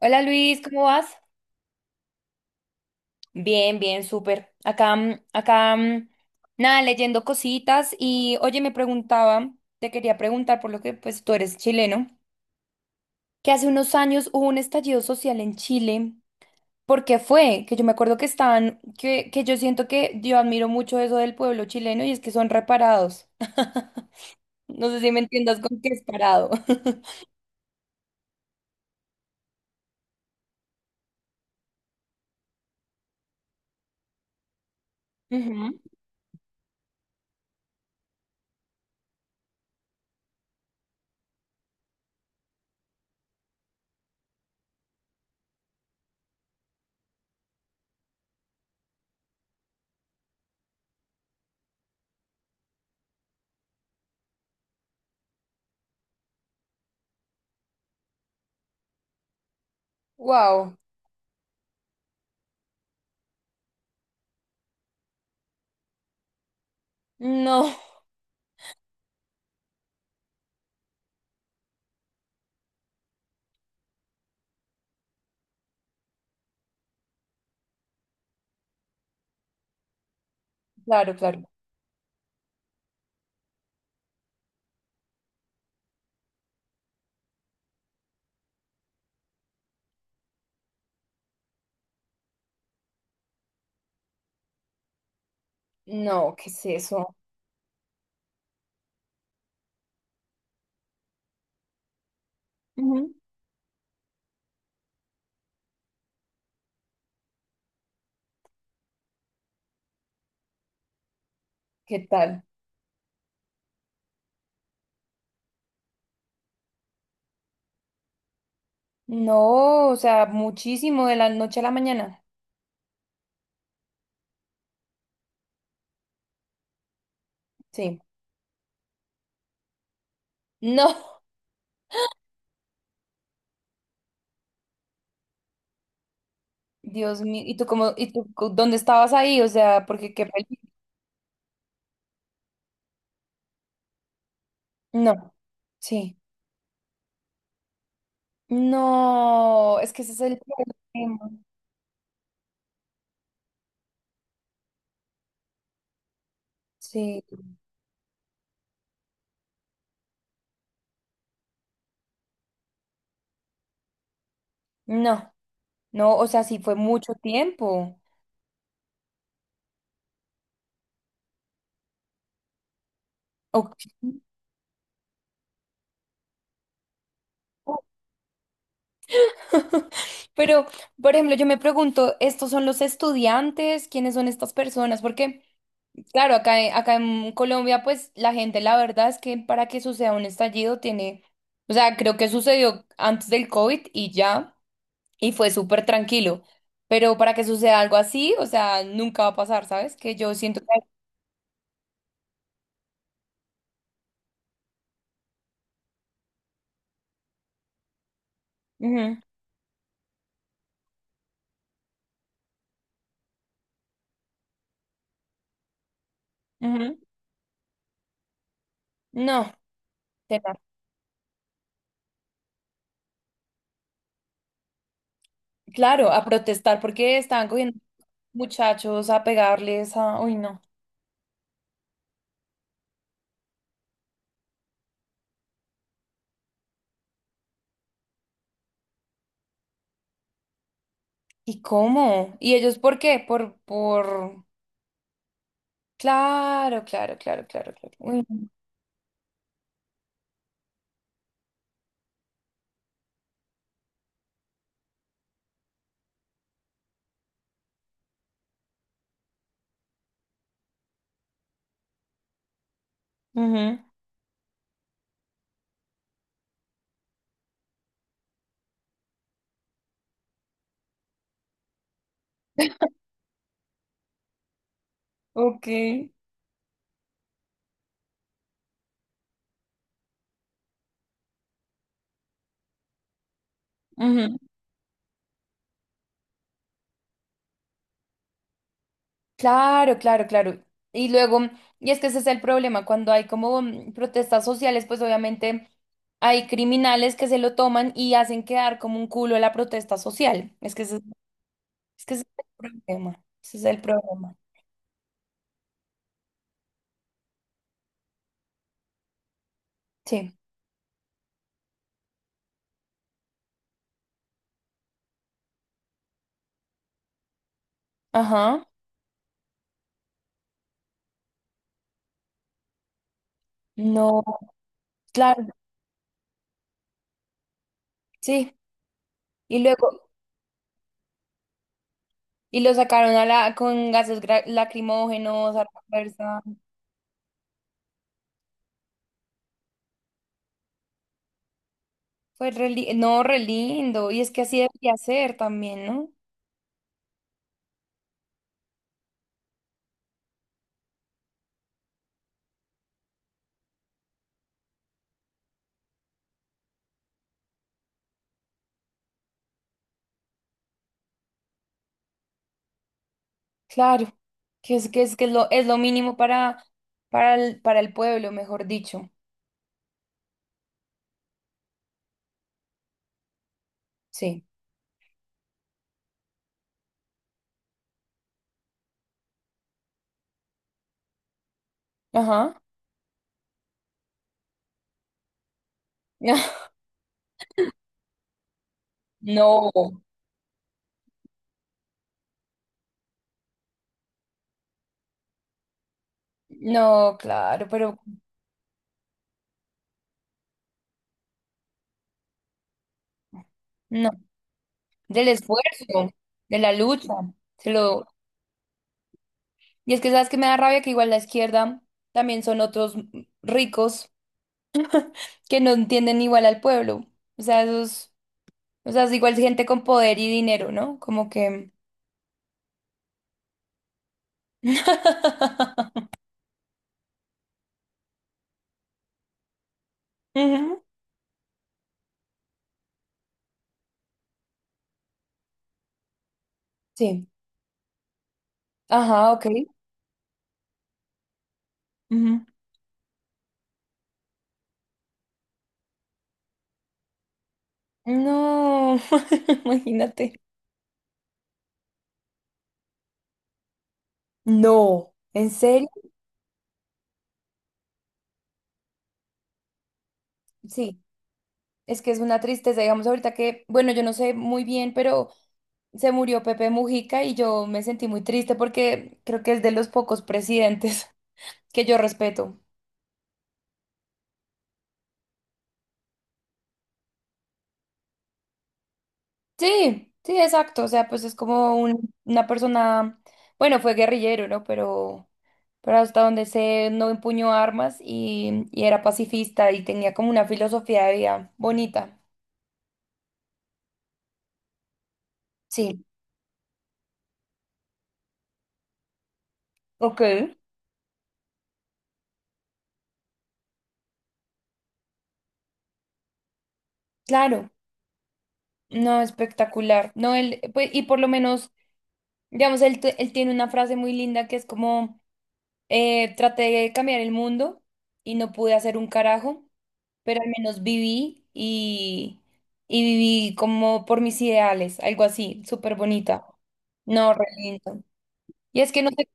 Hola, Luis, ¿cómo vas? Bien, bien, súper. Acá, nada, leyendo cositas y oye, me preguntaba, te quería preguntar por lo que pues tú eres chileno, que hace unos años hubo un estallido social en Chile. ¿Por qué fue? Que yo me acuerdo que estaban, que yo siento que yo admiro mucho eso del pueblo chileno y es que son reparados. No sé si me entiendas con qué es parado. Ujú. Wow. No, claro, claro. No, ¿qué es eso? Ujú. ¿Qué tal? No, o sea, muchísimo de la noche a la mañana. Sí. No, Dios mío. ¿Y tú cómo, y tú cu- dónde estabas ahí? O sea, porque qué peli- No. Sí. No, es que ese es el problema. Sí. No, no, o sea, sí fue mucho tiempo. Ok. Pero, por ejemplo, yo me pregunto, ¿estos son los estudiantes? ¿Quiénes son estas personas? Porque claro, acá en Colombia, pues la gente, la verdad es que para que suceda un estallido tiene, o sea, creo que sucedió antes del COVID y ya, y fue súper tranquilo. Pero para que suceda algo así, o sea, nunca va a pasar, ¿sabes? Que yo siento que... Ujú, ujú. No, tenaz. Claro, a protestar porque estaban cogiendo muchachos a pegarles a... Uy, no. ¿Y cómo? ¿Y ellos por qué? Por... Claro, claro, claro, claro, claro. Uy, no. Ujú. Ok. Ujú. Claro, claro, claro. Y luego, y es que ese es el problema, cuando hay como protestas sociales, pues obviamente hay criminales que se lo toman y hacen quedar como un culo la protesta social. Es que ese es el problema. Ese es el problema. Sí. Ajá. No, claro, sí. Y luego, y lo sacaron a con gases lacrimógenos a la fuerza. Fue no, re lindo. Y es que así debería ser también, ¿no? Claro, que es lo mínimo para el pueblo, mejor dicho. Sí. Ajá. No, no, claro, pero no. Del esfuerzo, de la lucha. Se lo... Y es que sabes que me da rabia que igual la izquierda también son otros ricos que no entienden igual al pueblo. O sea, es igual gente con poder y dinero, ¿no? Como que. Ujú. Sí. Ajá, ok. Ujú. No, imagínate. No, ¿en serio? Sí, es que es una tristeza, digamos, ahorita que, bueno, yo no sé muy bien, pero se murió Pepe Mujica y yo me sentí muy triste porque creo que es de los pocos presidentes que yo respeto. Sí, sí, exacto, o sea, pues es como una persona, bueno, fue guerrillero, ¿no? Pero hasta donde sé, no empuñó armas y era pacifista y tenía como una filosofía de vida bonita. Sí, ok, claro. No, espectacular. No, él, pues, y por lo menos, digamos, él tiene una frase muy linda que es como, traté de cambiar el mundo y no pude hacer un carajo, pero al menos viví y viví como por mis ideales, algo así, súper bonita. No, re lindo. Y es que no sé.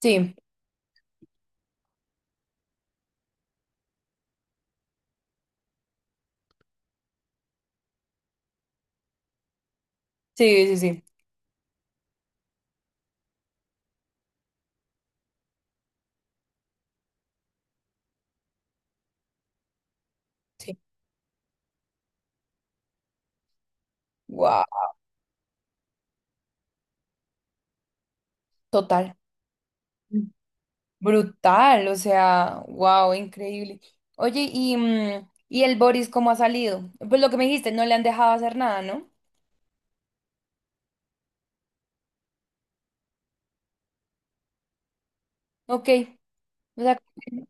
Sí, sí, sí, sí. Sí. Wow, total. Brutal, o sea, wow, increíble. Oye, ¿y el Boris cómo ha salido? Pues lo que me dijiste, no le han dejado hacer nada, ¿no? Ok, o sea,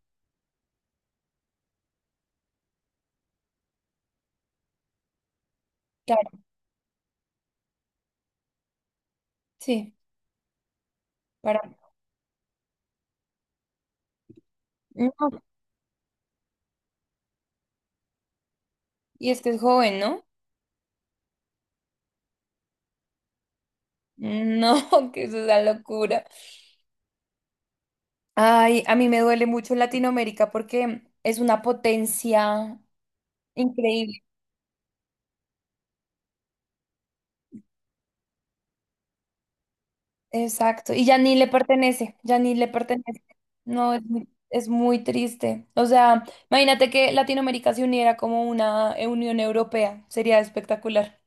claro, sí, para... No, y es que es joven, ¿no? No, que eso es una locura. Ay, a mí me duele mucho Latinoamérica porque es una potencia increíble. Exacto, y ya ni le pertenece, ya ni le pertenece. No, es muy triste. O sea, imagínate que Latinoamérica se uniera como una Unión Europea, sería espectacular.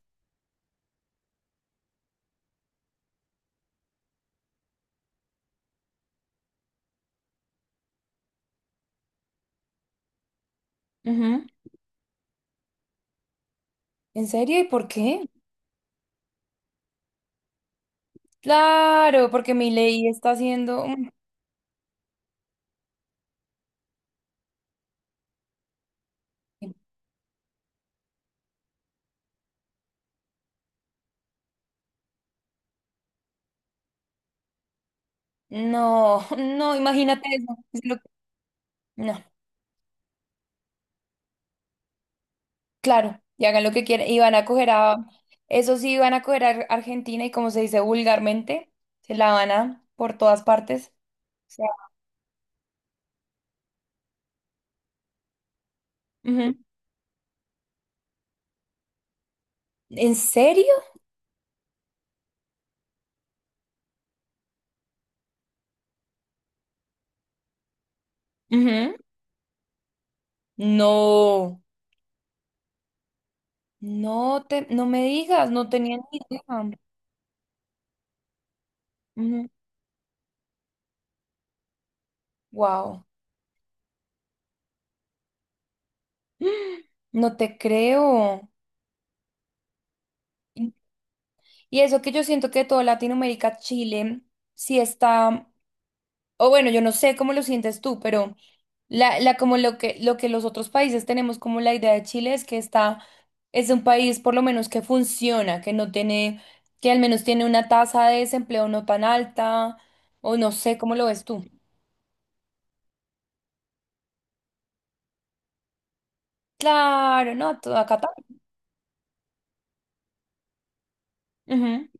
Ujú. ¿En serio? ¿Y por qué? Claro, porque mi ley está haciendo... No, no, imagínate eso. Es lo que- No, claro, y hagan lo que quieran. Y van a coger a... Eso sí, van a coger a Argentina y como se dice vulgarmente, se la van a por todas partes. O sea, ¿en serio? Ujú. No, no me digas, no tenía ni idea. Wow, no te creo. Y y eso que yo siento que toda Latinoamérica, Chile, sí está, o bueno, yo no sé cómo lo sientes tú, pero la como lo que los otros países tenemos como la idea de Chile es que está, es un país por lo menos que funciona, que no tiene, que al menos tiene una tasa de desempleo no tan alta, o no sé cómo lo ves tú. Claro, no, todo acá también. Ujú.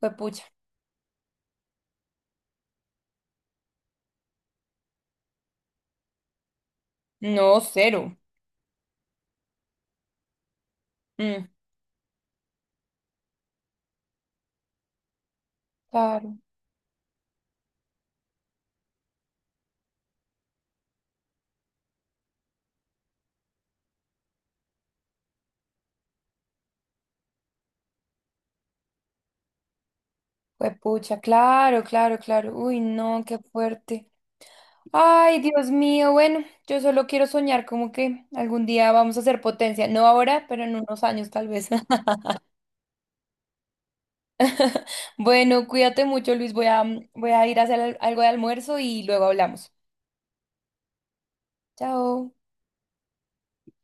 Pues pucha. No, cero. Mm, claro, pues pucha, claro, claro, claro. Uy, no, qué fuerte. Ay, Dios mío, bueno, yo solo quiero soñar como que algún día vamos a ser potencia. No ahora, pero en unos años tal vez. Bueno, cuídate mucho, Luis. Voy a ir a hacer algo de almuerzo y luego hablamos. Chao.